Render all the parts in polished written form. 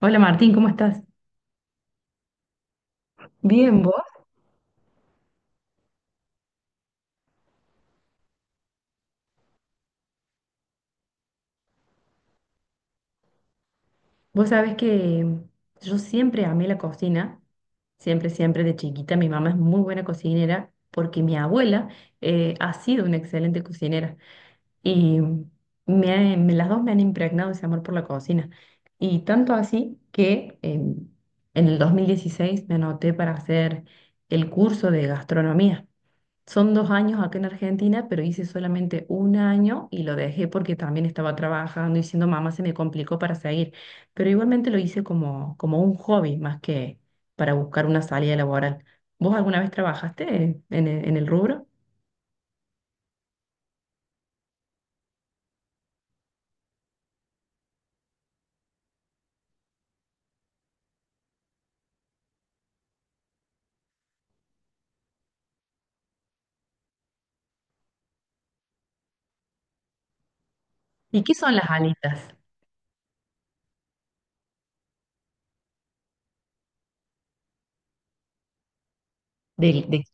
Hola Martín, ¿cómo estás? Bien, ¿vos? Vos sabés que yo siempre amé la cocina, siempre, siempre de chiquita. Mi mamá es muy buena cocinera porque mi abuela ha sido una excelente cocinera y las dos me han impregnado ese amor por la cocina. Y tanto así que en el 2016 me anoté para hacer el curso de gastronomía. Son dos años acá en Argentina, pero hice solamente un año y lo dejé porque también estaba trabajando y siendo mamá se me complicó para seguir. Pero igualmente lo hice como, como un hobby más que para buscar una salida laboral. ¿Vos alguna vez trabajaste en el rubro? ¿Y qué son las alitas? ¿Del- de,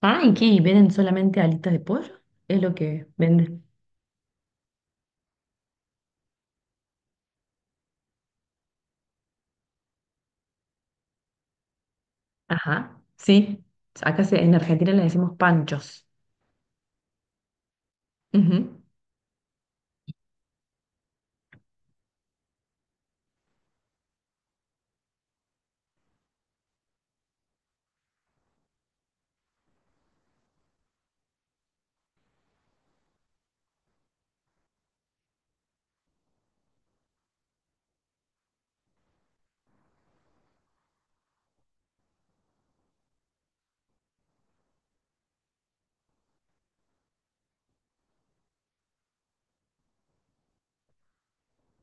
ah, ¿y qué? ¿Y ¿Venden solamente alitas de pollo? Es lo que venden. Ajá, sí. En Argentina le decimos panchos. Ujú.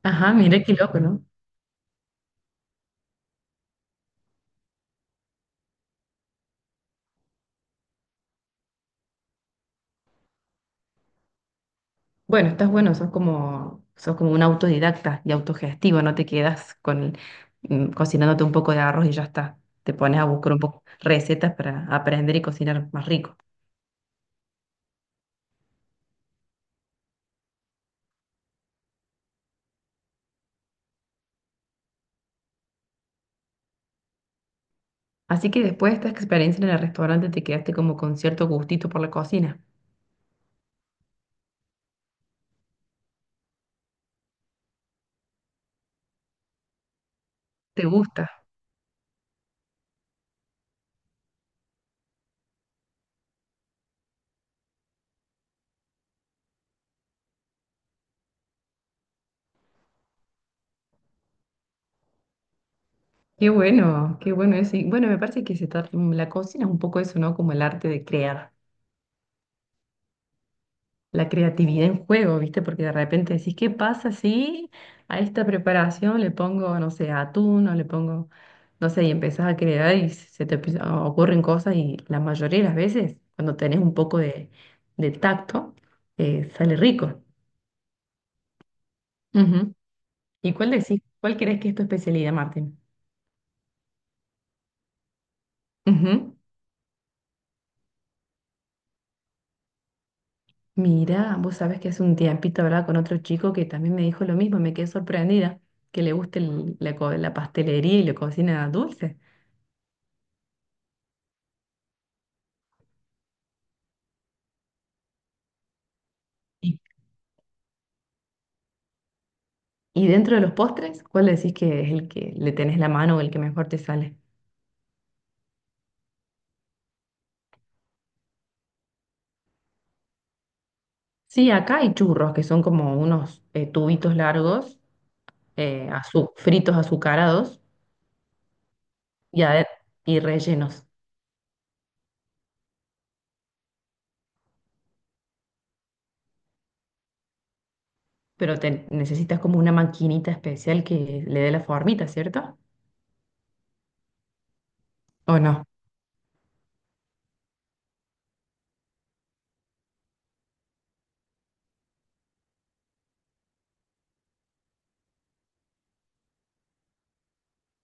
Ajá, mira qué loco, ¿no? Bueno, estás bueno, sos como un autodidacta y autogestivo, no te quedas con cocinándote un poco de arroz y ya está. Te pones a buscar un poco recetas para aprender y cocinar más rico. Así que después de esta experiencia en el restaurante te quedaste como con cierto gustito por la cocina. ¿Te gusta? Qué bueno eso. Y bueno, me parece que la cocina es un poco eso, ¿no? Como el arte de crear. La creatividad en juego, ¿viste? Porque de repente decís, ¿qué pasa si a esta preparación le pongo, no sé, atún o le pongo, no sé, y empezás a crear y ocurren cosas y la mayoría de las veces, cuando tenés un poco de tacto, sale rico. Ujú. ¿Y cuál decís? ¿Cuál crees que es tu especialidad, Martín? Ujú. Mira, vos sabés que hace un tiempito hablaba con otro chico que también me dijo lo mismo, me quedé sorprendida, que le gusta la pastelería y la cocina dulce. Y dentro de los postres, ¿cuál decís que es el que le tenés la mano o el que mejor te sale? Sí, acá hay churros, que son como unos tubitos largos, fritos azucarados y, ade- y rellenos. Pero te necesitas como una maquinita especial que le dé la formita, ¿cierto? ¿O no?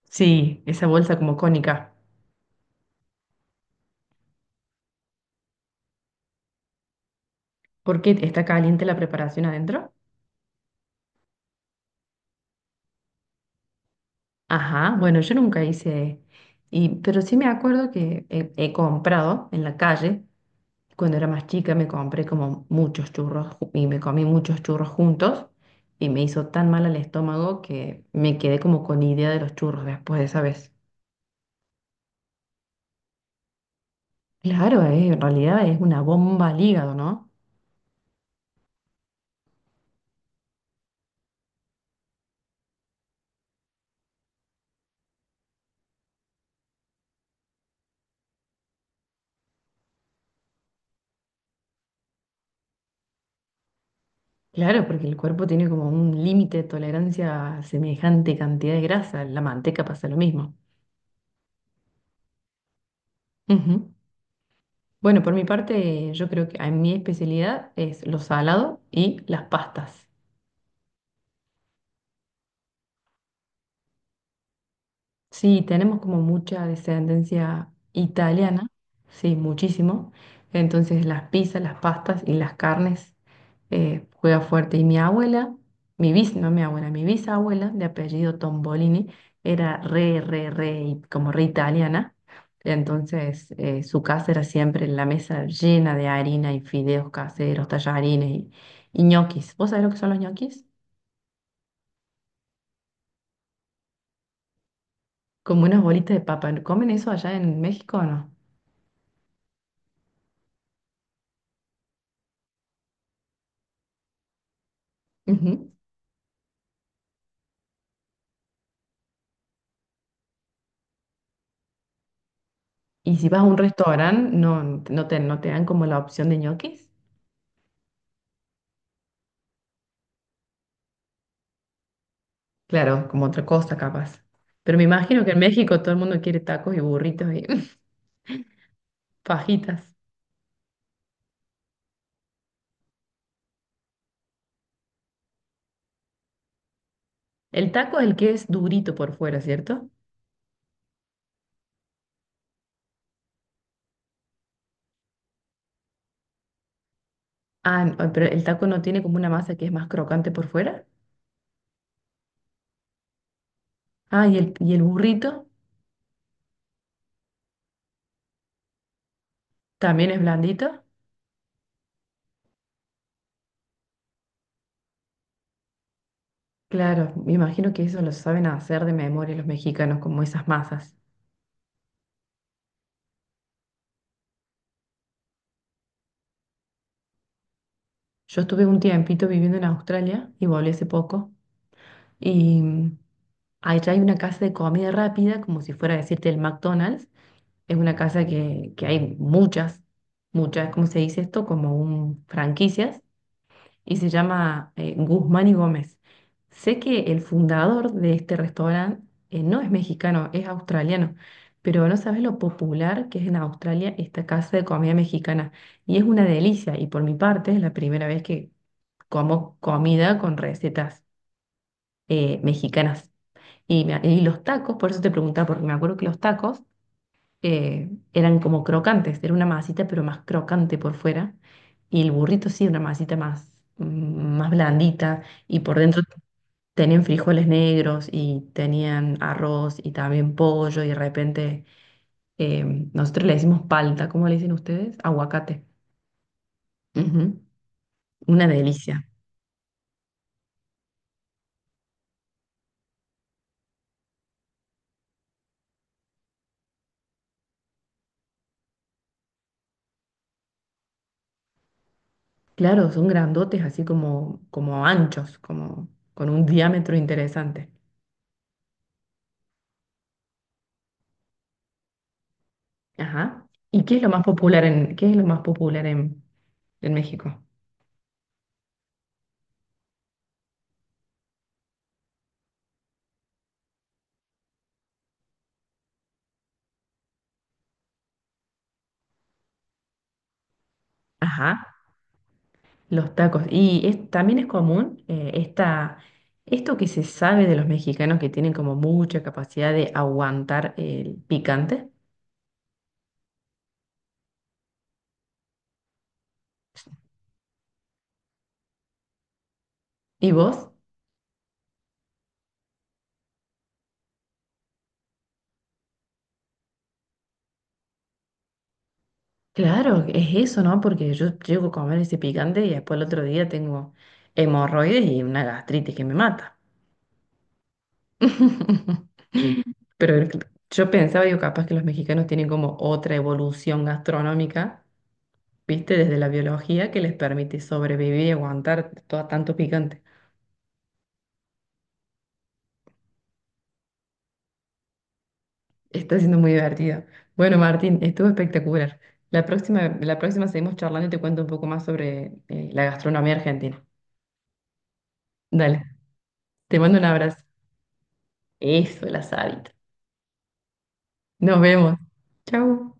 Sí, esa bolsa como cónica. ¿Por qué está caliente la preparación adentro? Ajá, bueno, yo nunca hice, y, pero sí me acuerdo que he comprado en la calle. Cuando era más chica me compré como y me comí muchos churros juntos y me hizo tan mal al estómago que me quedé como con idea de los churros después de esa vez. Claro, en realidad es una bomba al hígado, ¿no? Claro, porque el cuerpo tiene como un límite de tolerancia a semejante cantidad de grasa. La manteca pasa lo mismo. Ujú. Bueno, por mi parte, yo creo que a mi especialidad es lo salado y las pastas. Sí, tenemos como mucha descendencia italiana, sí, muchísimo. Entonces las pizzas, las pastas y las carnes juega fuerte. Y mi abuela, mi bis, no mi abuela, mi bisabuela de apellido Tombolini era re, re, re, y como re italiana. Entonces su casa era siempre la mesa llena de harina y fideos caseros, tallarines y ñoquis. ¿Vos sabés lo que son los ñoquis? Como unas bolitas de papa. ¿Comen eso allá en México o no? Ujú. Y si vas a un restaurante, no, no te dan como la opción de ñoquis. Claro, como otra cosa capaz. Pero me imagino que en México todo el mundo quiere tacos y burritos y fajitas. El taco es el que es durito por fuera, ¿cierto? Ah, no, pero el taco no tiene como una masa que es más crocante por fuera. Ah, y el burrito también es blandito. Claro, me imagino que eso lo saben hacer de memoria los mexicanos, como esas masas. Yo estuve un tiempito viviendo en Australia y volví hace poco. Y allá hay una casa de comida rápida, como si fuera a decirte el McDonald's. Es una casa que hay muchas, muchas, ¿cómo se dice esto? Como un franquicias. Y se llama Guzmán y Gómez. Sé que el fundador de este restaurante no es mexicano, es australiano. Pero no sabes lo popular que es en Australia esta casa de comida mexicana. Y es una delicia. Y por mi parte es la primera vez que como comida con recetas mexicanas. Y, y los tacos, por eso te preguntaba, porque me acuerdo que los tacos eran como crocantes, era una masita pero más crocante por fuera, y el burrito sí, una masita más, más blandita, y por dentro tenían frijoles negros y tenían arroz y también pollo, y de repente eh, nosotros le decimos palta, ¿cómo le dicen ustedes? Aguacate. Ujú, una delicia. Claro, son grandotes, así como, como anchos, como con un diámetro interesante. Ajá. ¿Y qué es lo más popular en, qué es lo más popular en México? Ajá. Los tacos. También es común esto que se sabe de los mexicanos que tienen como mucha capacidad de aguantar el picante. ¿Y vos? Claro, es eso, ¿no? Porque yo llego a comer ese picante y después el otro día tengo hemorroides y una gastritis que me mata. Pero yo pensaba, yo capaz que los mexicanos tienen como otra evolución gastronómica viste, desde la biología que les permite sobrevivir y aguantar todo tanto picante. Está siendo muy divertido. Bueno, Martín, estuvo espectacular. La próxima seguimos charlando y te cuento un poco más sobre la gastronomía argentina. Dale, te mando un abrazo. Eso, el asadito. Nos vemos. Chau.